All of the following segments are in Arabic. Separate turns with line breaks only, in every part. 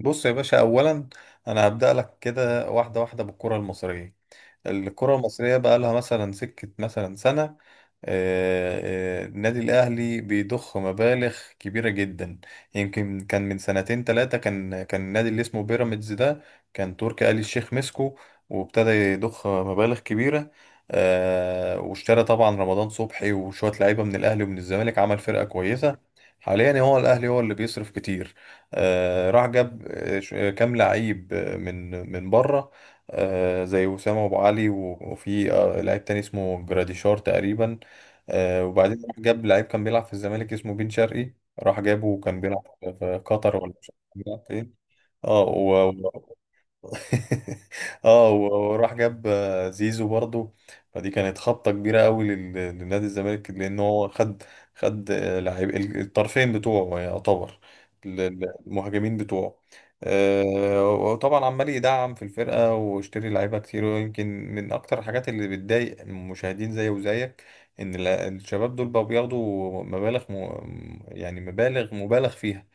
بص يا باشا، اولا انا هبدأ لك كده واحده واحده بالكره المصريه. الكرة المصرية بقى لها مثلا سكة مثلا سنة. النادي الأهلي بيضخ مبالغ كبيرة جدا. يمكن كان من سنتين ثلاثة كان النادي اللي اسمه بيراميدز ده كان تركي آل الشيخ مسكه، وابتدى يضخ مبالغ كبيرة. واشترى طبعا رمضان صبحي وشوية لعيبة من الأهلي ومن الزمالك، عمل فرقة كويسة. حاليا هو الأهلي هو اللي بيصرف كتير. راح جاب كام لعيب من بره، زي وسام ابو علي وفي لعيب تاني اسمه جراديشار تقريبا. وبعدين راح جاب لعيب كان بيلعب في الزمالك اسمه بن شرقي، راح جابه، وكان بيلعب في قطر، ولا مش عارف كان بيلعب فين. اه و- آه. وراح جاب زيزو برضه. فدي كانت خبطة كبيرة قوي لنادي الزمالك، لأن هو خد. خد لعيب الطرفين بتوعه، يعني يعتبر المهاجمين بتوعه. وطبعا عمال يدعم في الفرقة واشتري لعيبة كتير. ويمكن من أكتر الحاجات اللي بتضايق المشاهدين زي وزيك، إن الشباب دول بقوا بياخدوا يعني مبالغ، مبالغ فيها.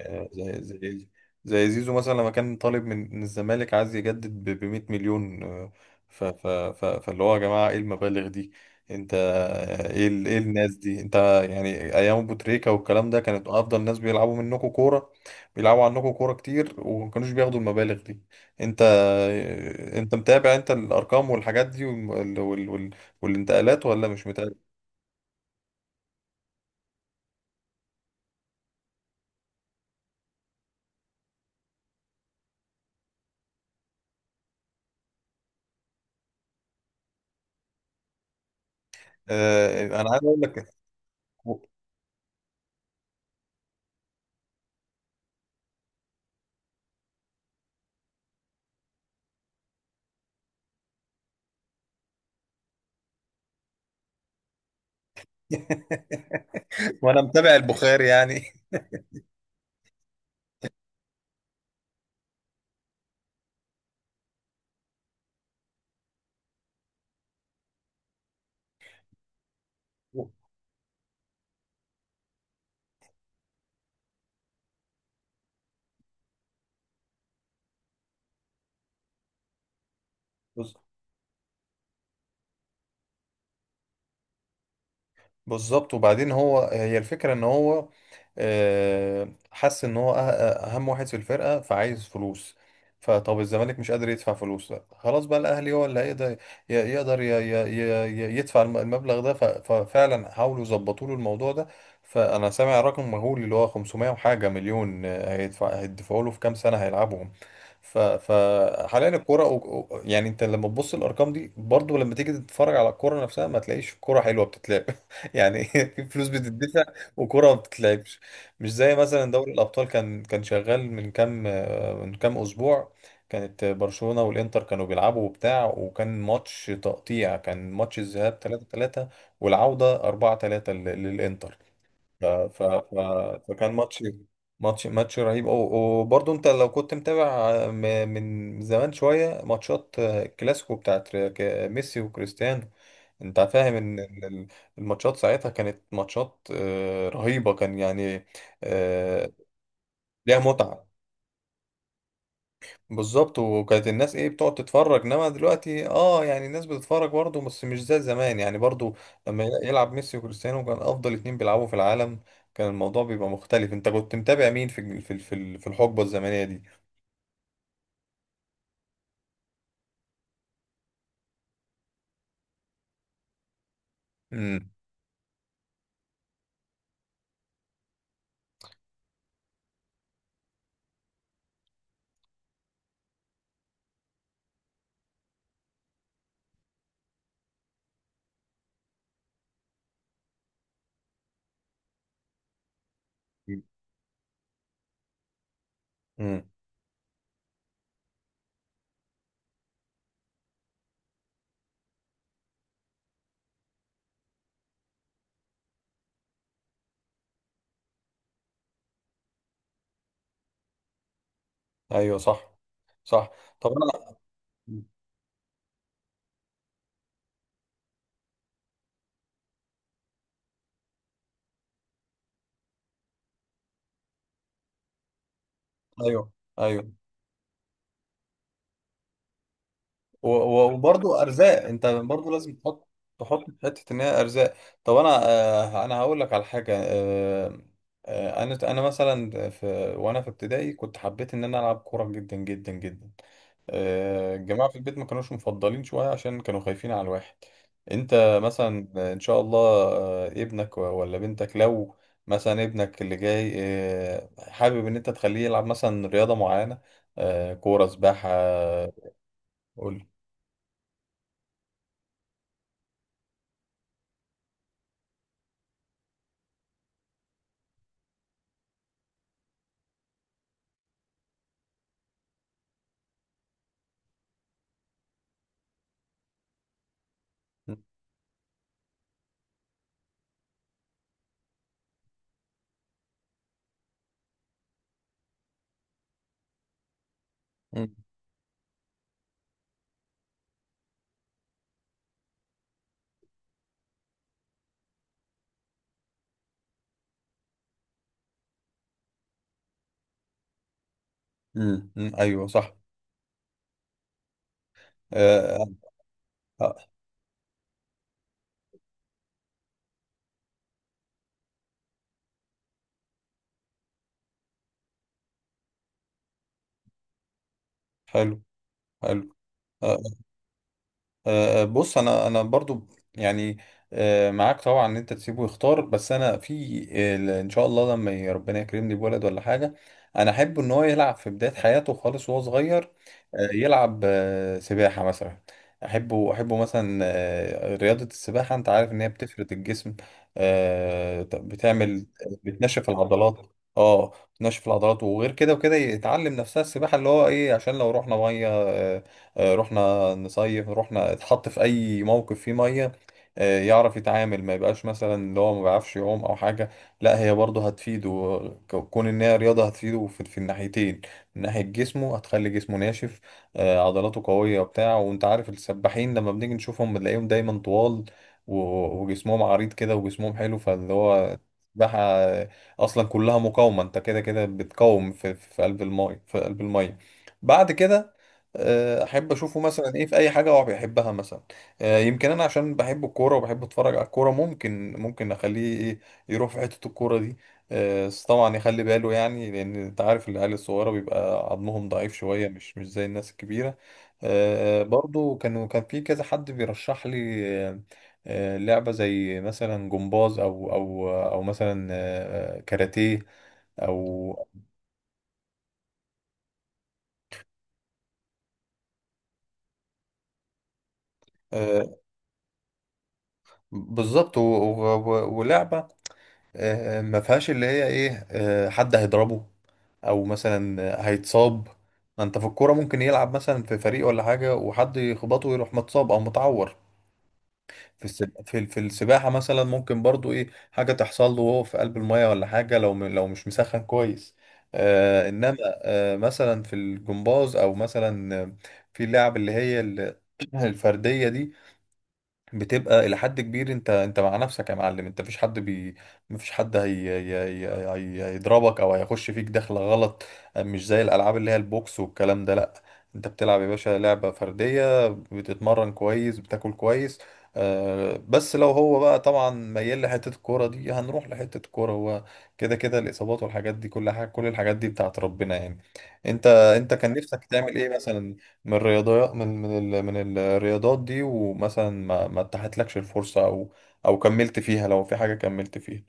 آه، زي زي زي زيزو مثلا، لما كان طالب من الزمالك، عايز يجدد ب 100 مليون. آه، ف ف ف فاللي هو يا جماعة، ايه المبالغ دي؟ انت ايه ايه الناس دي؟ انت يعني ايام ابو تريكة والكلام ده، كانت افضل ناس بيلعبوا منكم كورة، بيلعبوا عنكم كورة كتير، وما كانوش بياخدوا المبالغ دي. انت انت متابع، انت الارقام والحاجات دي والانتقالات، ولا مش متابع؟ انا عايز اقول لك. وانا متابع البخاري يعني. بالظبط. وبعدين هي الفكرة، ان هو حس ان هو أه- أه، اهم واحد في الفرقة، فعايز فلوس. فطب الزمالك مش قادر يدفع فلوس، لا، خلاص بقى الاهلي هو اللي يقدر يدفع المبلغ ده. ففعلا حاولوا يظبطوا له الموضوع ده. فانا سامع رقم مهول، اللي هو 500 وحاجة مليون، هيدفعوا له في كام سنة هيلعبهم. فحاليا الكرة، يعني انت لما تبص الارقام دي، برضو لما تيجي تتفرج على الكرة نفسها، ما تلاقيش كرة حلوة بتتلعب. يعني فلوس بتدفع وكرة ما بتتلعبش. مش زي مثلا دوري الأبطال، كان شغال من كام، من كام أسبوع، كانت برشلونة والإنتر كانوا بيلعبوا وبتاع، وكان ماتش تقطيع. كان ماتش الذهاب 3-3، والعودة 4-3 للإنتر. ف... ف... ف... فكان ماتش ماتش ماتش رهيب. وبرضه انت لو كنت متابع من زمان شوية ماتشات الكلاسيكو بتاعت ميسي وكريستيانو، انت فاهم ان الماتشات ساعتها كانت ماتشات رهيبة، كان يعني آه، ليها متعة. بالظبط. وكانت الناس ايه، بتقعد تتفرج، انما دلوقتي، اه، يعني الناس بتتفرج برضه، بس مش زي زمان يعني، برضه لما يلعب ميسي وكريستيانو، كان افضل اتنين بيلعبوا في العالم، كان الموضوع بيبقى مختلف. انت كنت متابع مين في الحقبة الزمنية دي؟ امم، امم، ايوه صح. صح. طب انا، ايوه، ايوه. وبرضه ارزاق، انت برضه لازم تحط في حته ان هي ارزاق. طب انا، انا هقول لك على حاجه. انا مثلا في، وانا في ابتدائي، كنت حبيت ان انا العب كوره جدا جدا جدا. الجماعه في البيت ما كانوش مفضلين شويه، عشان كانوا خايفين على الواحد. انت مثلا، ان شاء الله، ابنك ولا بنتك، لو مثلا ابنك اللي جاي حابب ان انت تخليه يلعب مثلا رياضه معينه، كوره، سباحه؟ قول. امم، أمم، ايوه صح. آه آه، آه، حلو، حلو. آه، أه، بص، انا برضو يعني، معاك طبعا ان انت تسيبه يختار. بس انا في، ان شاء الله لما ربنا يكرمني بولد ولا حاجه، انا احب ان هو يلعب في بدايه حياته خالص، وهو صغير. يلعب سباحه مثلا. احبه، احبه مثلا رياضه السباحه. انت عارف ان هي بتفرد الجسم، أه، بتعمل بتنشف العضلات. اه، بتنشف العضلات. وغير كده وكده، يتعلم نفسها السباحه، اللي هو ايه، عشان لو رحنا ميه، رحنا نصيف، رحنا اتحط في اي موقف فيه ميه، يعرف يتعامل، ما يبقاش مثلا اللي هو ما بيعرفش يعوم او حاجه. لا، هي برضه هتفيده. كون ان هي رياضه، هتفيده في الناحيتين. من ناحيه جسمه، هتخلي جسمه ناشف، عضلاته قويه وبتاع. وانت عارف السباحين لما بنيجي نشوفهم بنلاقيهم دايما طوال، وجسمهم عريض كده، وجسمهم حلو. فاللي هو السباحه اصلا كلها مقاومه، انت كده كده بتقاوم في قلب الماء، في قلب الماء. بعد كده، احب اشوفه مثلا ايه، في اي حاجه هو بيحبها مثلا. يمكن انا عشان بحب الكوره، وبحب اتفرج على الكوره، ممكن، اخليه ايه، يروح في حته الكوره دي. بس طبعا يخلي باله، يعني لان انت عارف العيال الصغيره بيبقى عظمهم ضعيف شويه، مش زي الناس الكبيره. برضو كانوا كان في كذا حد بيرشح لي لعبه زي مثلا جمباز، او مثلا كاراتيه، او، آه، بالظبط. ولعبة ما فيهاش اللي هي ايه، حد هيضربه، او مثلا هيتصاب. ما انت في الكوره ممكن يلعب مثلا في فريق ولا حاجه، وحد يخبطه ويروح متصاب او متعور. في السباحه مثلا، ممكن برضو ايه حاجه تحصل له وهو في قلب الميه ولا حاجه، لو لو مش مسخن كويس. آه، انما آه، مثلا في الجمباز، او مثلا في اللعب اللي هي الفرديه دي، بتبقى الى حد كبير انت، مع نفسك يا معلم. انت مفيش حد بي، مفيش حد هي... هيضربك او هيخش فيك دخله غلط. مش زي الالعاب اللي هي البوكس والكلام ده. لا، انت بتلعب يا باشا لعبه فرديه، بتتمرن كويس، بتاكل كويس. آه، بس لو هو بقى طبعا ميال لحته الكوره دي، هنروح لحته الكوره. هو كده كده الاصابات والحاجات دي، كل حاجه، كل الحاجات دي بتاعت ربنا يعني. انت، كان نفسك تعمل ايه مثلا من الرياضيات، من الرياضات دي، ومثلا ما اتاحتلكش الفرصة، او او كملت فيها، لو في حاجة كملت فيها؟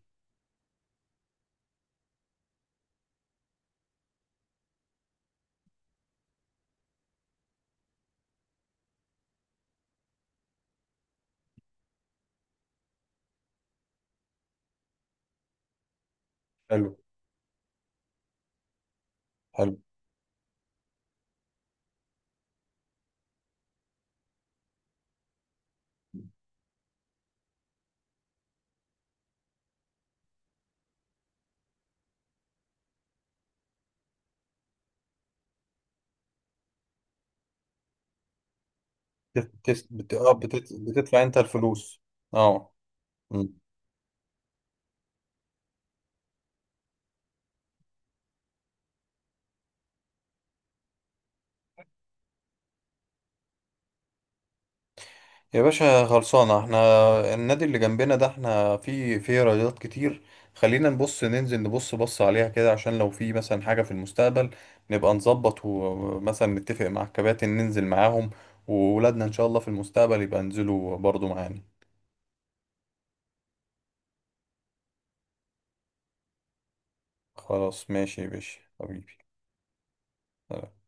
حلو، حلو. بت... بتس- بت... آه، بتت... بتدفع انت الفلوس؟ اه. مم. يا باشا، خلصانة احنا، النادي اللي جنبنا ده، احنا في رياضات كتير. خلينا نبص، ننزل نبص، بص عليها كده، عشان لو في مثلا حاجة في المستقبل نبقى نظبط، ومثلا نتفق مع الكباتن، ننزل معاهم، وولادنا ان شاء الله في المستقبل يبقى ينزلوا برضو معانا. خلاص، ماشي يا باشا حبيبي. سلام.